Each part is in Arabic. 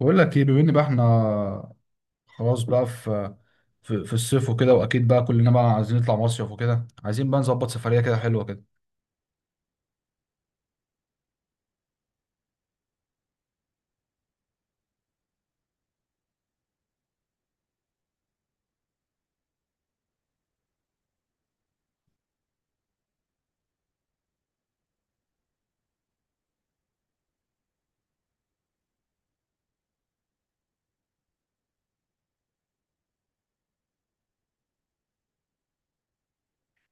بقول لك ايه، بما ان بقى احنا خلاص بقى في الصيف وكده. واكيد بقى كلنا بقى عايزين نطلع مصيف وكده، عايزين بقى نظبط سفريه كده حلوه كده.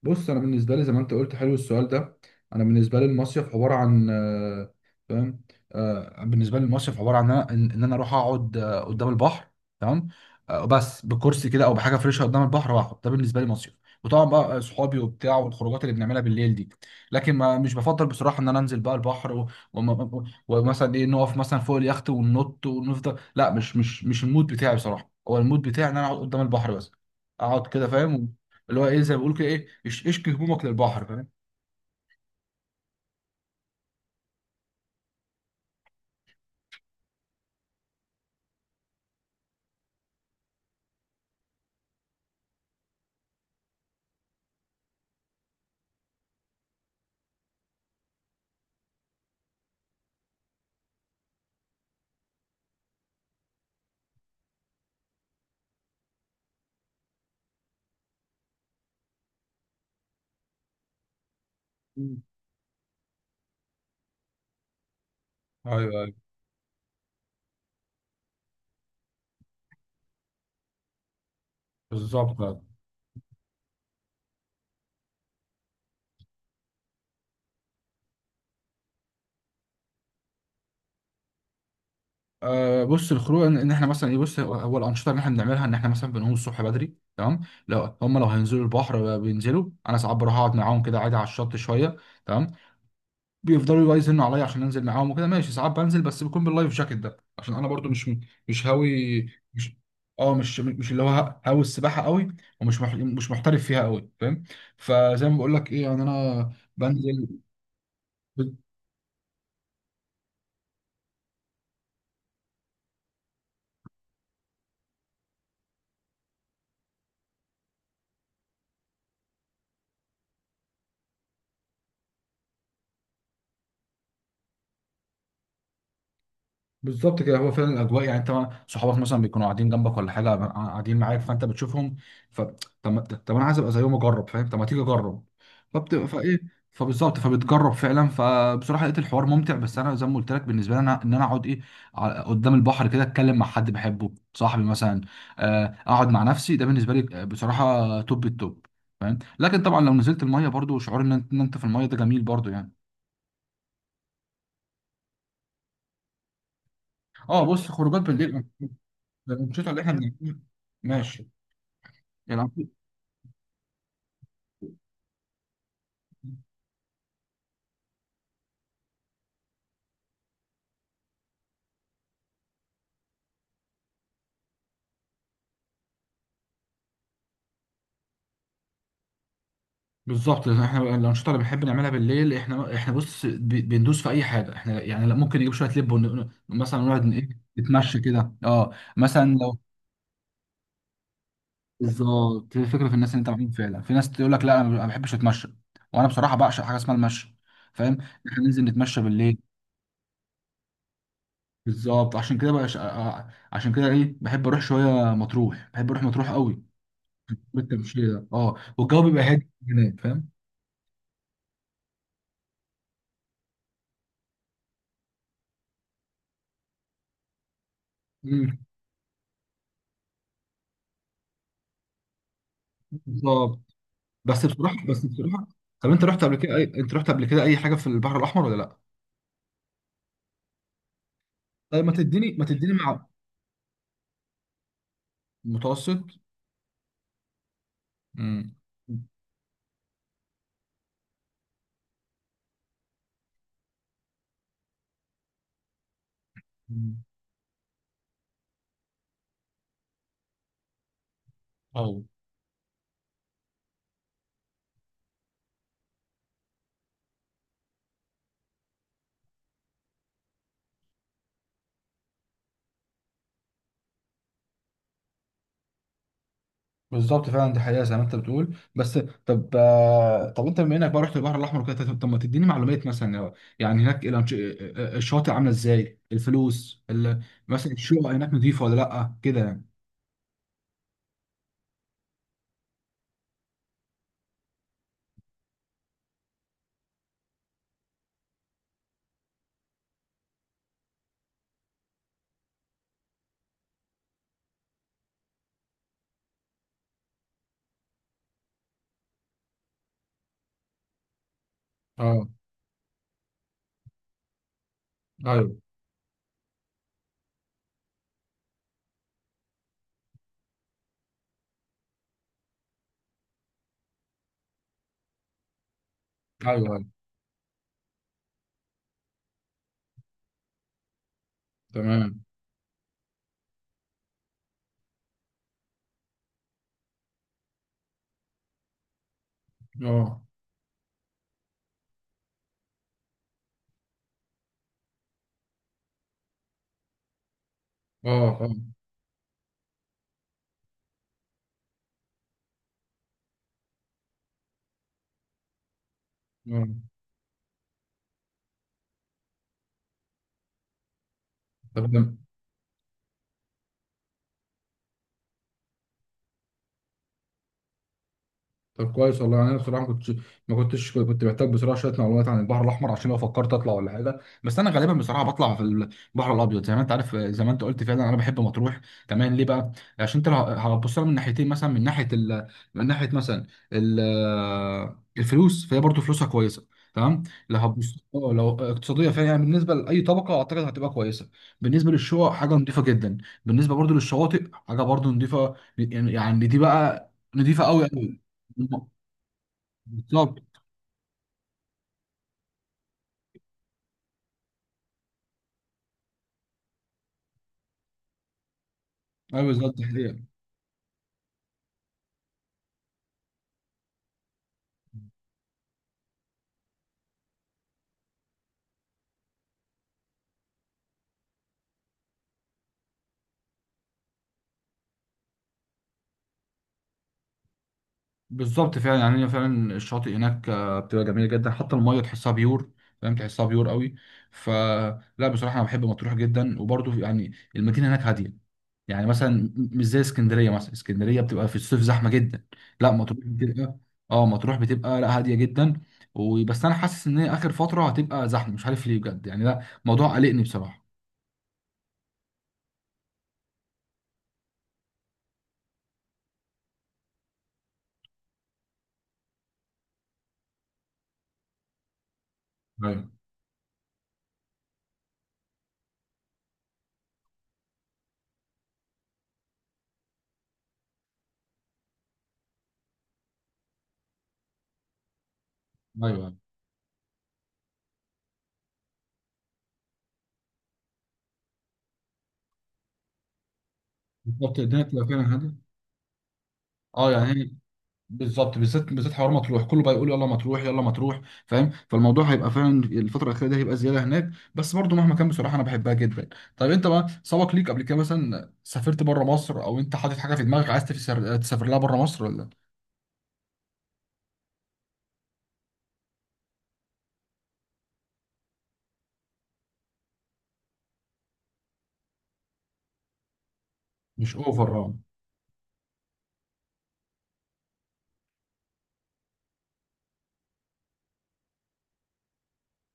بص، انا بالنسبه لي زي ما انت قلت، حلو السؤال ده. انا بالنسبه لي المصيف عباره عن فاهم. بالنسبه لي المصيف عباره عن ان انا إن أنا اروح اقعد قدام البحر، تمام. بس بكرسي كده او بحاجه فريشه قدام البحر واقعد، ده بالنسبه لي مصيف. وطبعا بقى صحابي وبتاع والخروجات اللي بنعملها بالليل دي. لكن ما مش بفضل بصراحه ان انا انزل بقى البحر ومثلا ايه نقف مثلا فوق اليخت وننط ونفضل، لا، مش المود بتاعي بصراحه. هو المود بتاعي ان انا اقعد قدام البحر بس، اقعد كده فاهم. اللي هو ايه، زي ما بيقولوا كده، ايه اشكي همومك للبحر فاهم. مم. ايوه ايوه، بالظبط. آه. بص، الخروج إن احنا مثلا ايه. بص، هو الانشطه اللي احنا بنعملها ان احنا مثلا بنقوم الصبح بدري، تمام. لو هينزلوا البحر بينزلوا. انا ساعات بروح اقعد معاهم كده عادي على الشط شويه، تمام. بيفضلوا بقى يزنوا عليا عشان انزل معاهم وكده، ماشي. ساعات بنزل، بس بيكون باللايف جاكيت ده عشان انا برضو مش هاوي. مش اه مش مش اللي هو هاوي السباحه قوي. مش محترف فيها قوي فاهم. فزي ما بقول لك ايه، يعني انا بنزل. بالظبط كده، هو فعلا الاجواء. يعني انت صحابك مثلا بيكونوا قاعدين جنبك ولا حاجه، قاعدين معاك فانت بتشوفهم. ف طب ما- طب انا عايز ابقى زيهم اجرب فاهم. طب ما تيجي اجرب. فايه، فبالظبط، فبتجرب فعلا. فبصراحه لقيت الحوار ممتع. بس انا زي ما قلت لك، بالنسبه لي ان انا اقعد قدام البحر كده، اتكلم مع حد بحبه صاحبي مثلا. اقعد مع نفسي، ده بالنسبه لي بصراحه توب التوب فاهم. لكن طبعا لو نزلت الميه، برضو شعور ان انت إن أنت في الميه ده جميل برضو يعني. اه، بص، خروجات بالليل الانشطه اللي احنا بنعملها، ماشي. العم- بالظبط، احنا الانشطه اللي بنحب نعملها بالليل، احنا بص بندوس في اي حاجه. احنا يعني، لا، ممكن نجيب شويه لب مثلا نقعد ن- ايه نتمشى كده، مثلا لو بالظبط. هي الفكره في الناس اللي انت معاهم فعلا. في ناس تقول لك لا انا ما بحبش اتمشى، وانا بصراحه بعشق حاجه اسمها المشي فاهم. احنا ننزل نتمشى بالليل. بالظبط. عشان كده بحب اروح شويه مطروح، بحب اروح مطروح قوي بالتمشيه ده. اه والجو بيبقى هادي هناك فاهم. مم، بالظبط. بس بصراحه، طب انت رحت قبل كده اي حاجه في البحر الاحمر ولا لا؟ طيب، ما تديني مع متوسط. امم مم. ايوه بالظبط فعلا، دي حقيقه زي ما انت بتقول. بس طب انت بما انك بقى رحت البحر الاحمر وكده، طب ما تديني معلومات مثلا يعني هناك الشواطئ عامله ازاي، الفلوس مثلا الشقق هناك نظيفه ولا لا كده يعني؟ اه ايوه ايوه ايوه، تمام. اه اه اه. آه. طب طب كويس والله يعني. انا بصراحه ما كنتش كنت محتاج بصراحه شويه معلومات عن البحر الاحمر، عشان لو فكرت اطلع ولا حاجه. بس انا غالبا بصراحه بطلع في البحر الابيض، زي ما انت عارف، زي ما انت قلت فعلا، انا بحب مطروح، تمام. ليه بقى؟ عشان انت لو هتبص لها من ناحيتين، مثلا من ناحيه ال... من ناحيه مثلا ال... الفلوس فهي برضو فلوسها كويسه، تمام. لو هتبص لو اقتصاديه، فهي يعني بالنسبه لاي طبقه اعتقد هتبقى كويسه. بالنسبه للشقق حاجه نظيفه جدا. بالنسبه برضو للشواطئ، حاجه برضو نظيفه يعني دي بقى نضيفه قوي قوي. بالظبط. ايوه، بالظبط، دي حقيقة. بالظبط فعلا يعني، هي فعلا الشاطئ هناك بتبقى جميله جدا. حتى الميه تحسها بيور فاهم، تحسها بيور قوي. فلا، بصراحه انا بحب مطروح جدا. وبرضه يعني المدينه هناك هاديه. يعني مثلا مش زي اسكندريه. مثلا اسكندريه بتبقى في الصيف زحمه جدا. لا مطروح بتبقى اه مطروح بتبقى لا، هاديه جدا. وبس انا حاسس ان هي اخر فتره هتبقى زحمه، مش عارف ليه بجد يعني، لا موضوع قلقني بصراحه. ايوه ايوه، بالظبط. الدنيا بتبقى فعلا هاديه. اه يعني بالظبط، بالذات بالذات حوار مطروح كله بقى يقول يلا مطروح يلا مطروح فاهم. فالموضوع هيبقى فعلا الفتره الاخيره دي هيبقى زياده هناك. بس برضو مهما كان، بصراحه انا بحبها جدا. طيب، انت بقى سبق ليك قبل كده مثلا سافرت بره مصر، او انت حاطط حاجه في دماغك عايز تسافر لها بره مصر ولا؟ مش اوفر. اه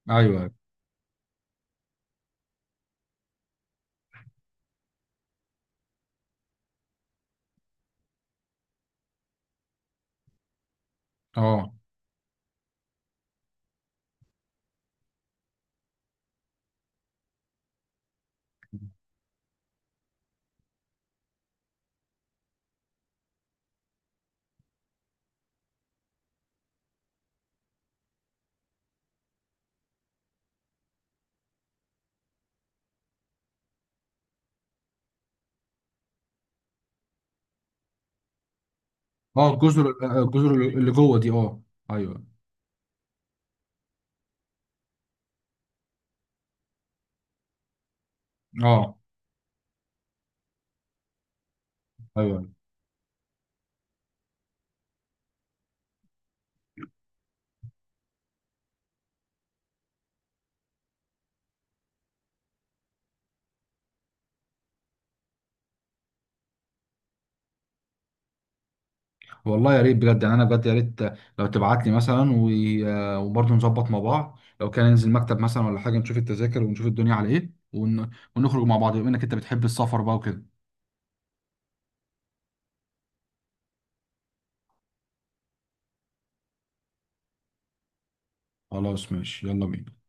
ايوه. اه اه. الجزر اللي جوه دي، اه. ايوه. اه. ايوه. والله يا ريت بجد، يعني انا بجد يا ريت. لو تبعت لي مثلا وبرضه نظبط مع بعض لو كان ننزل مكتب مثلا ولا حاجه، نشوف التذاكر ونشوف الدنيا على ايه ونخرج مع بعض، بما انك انت بتحب السفر بقى وكده. خلاص ماشي، يلا بينا.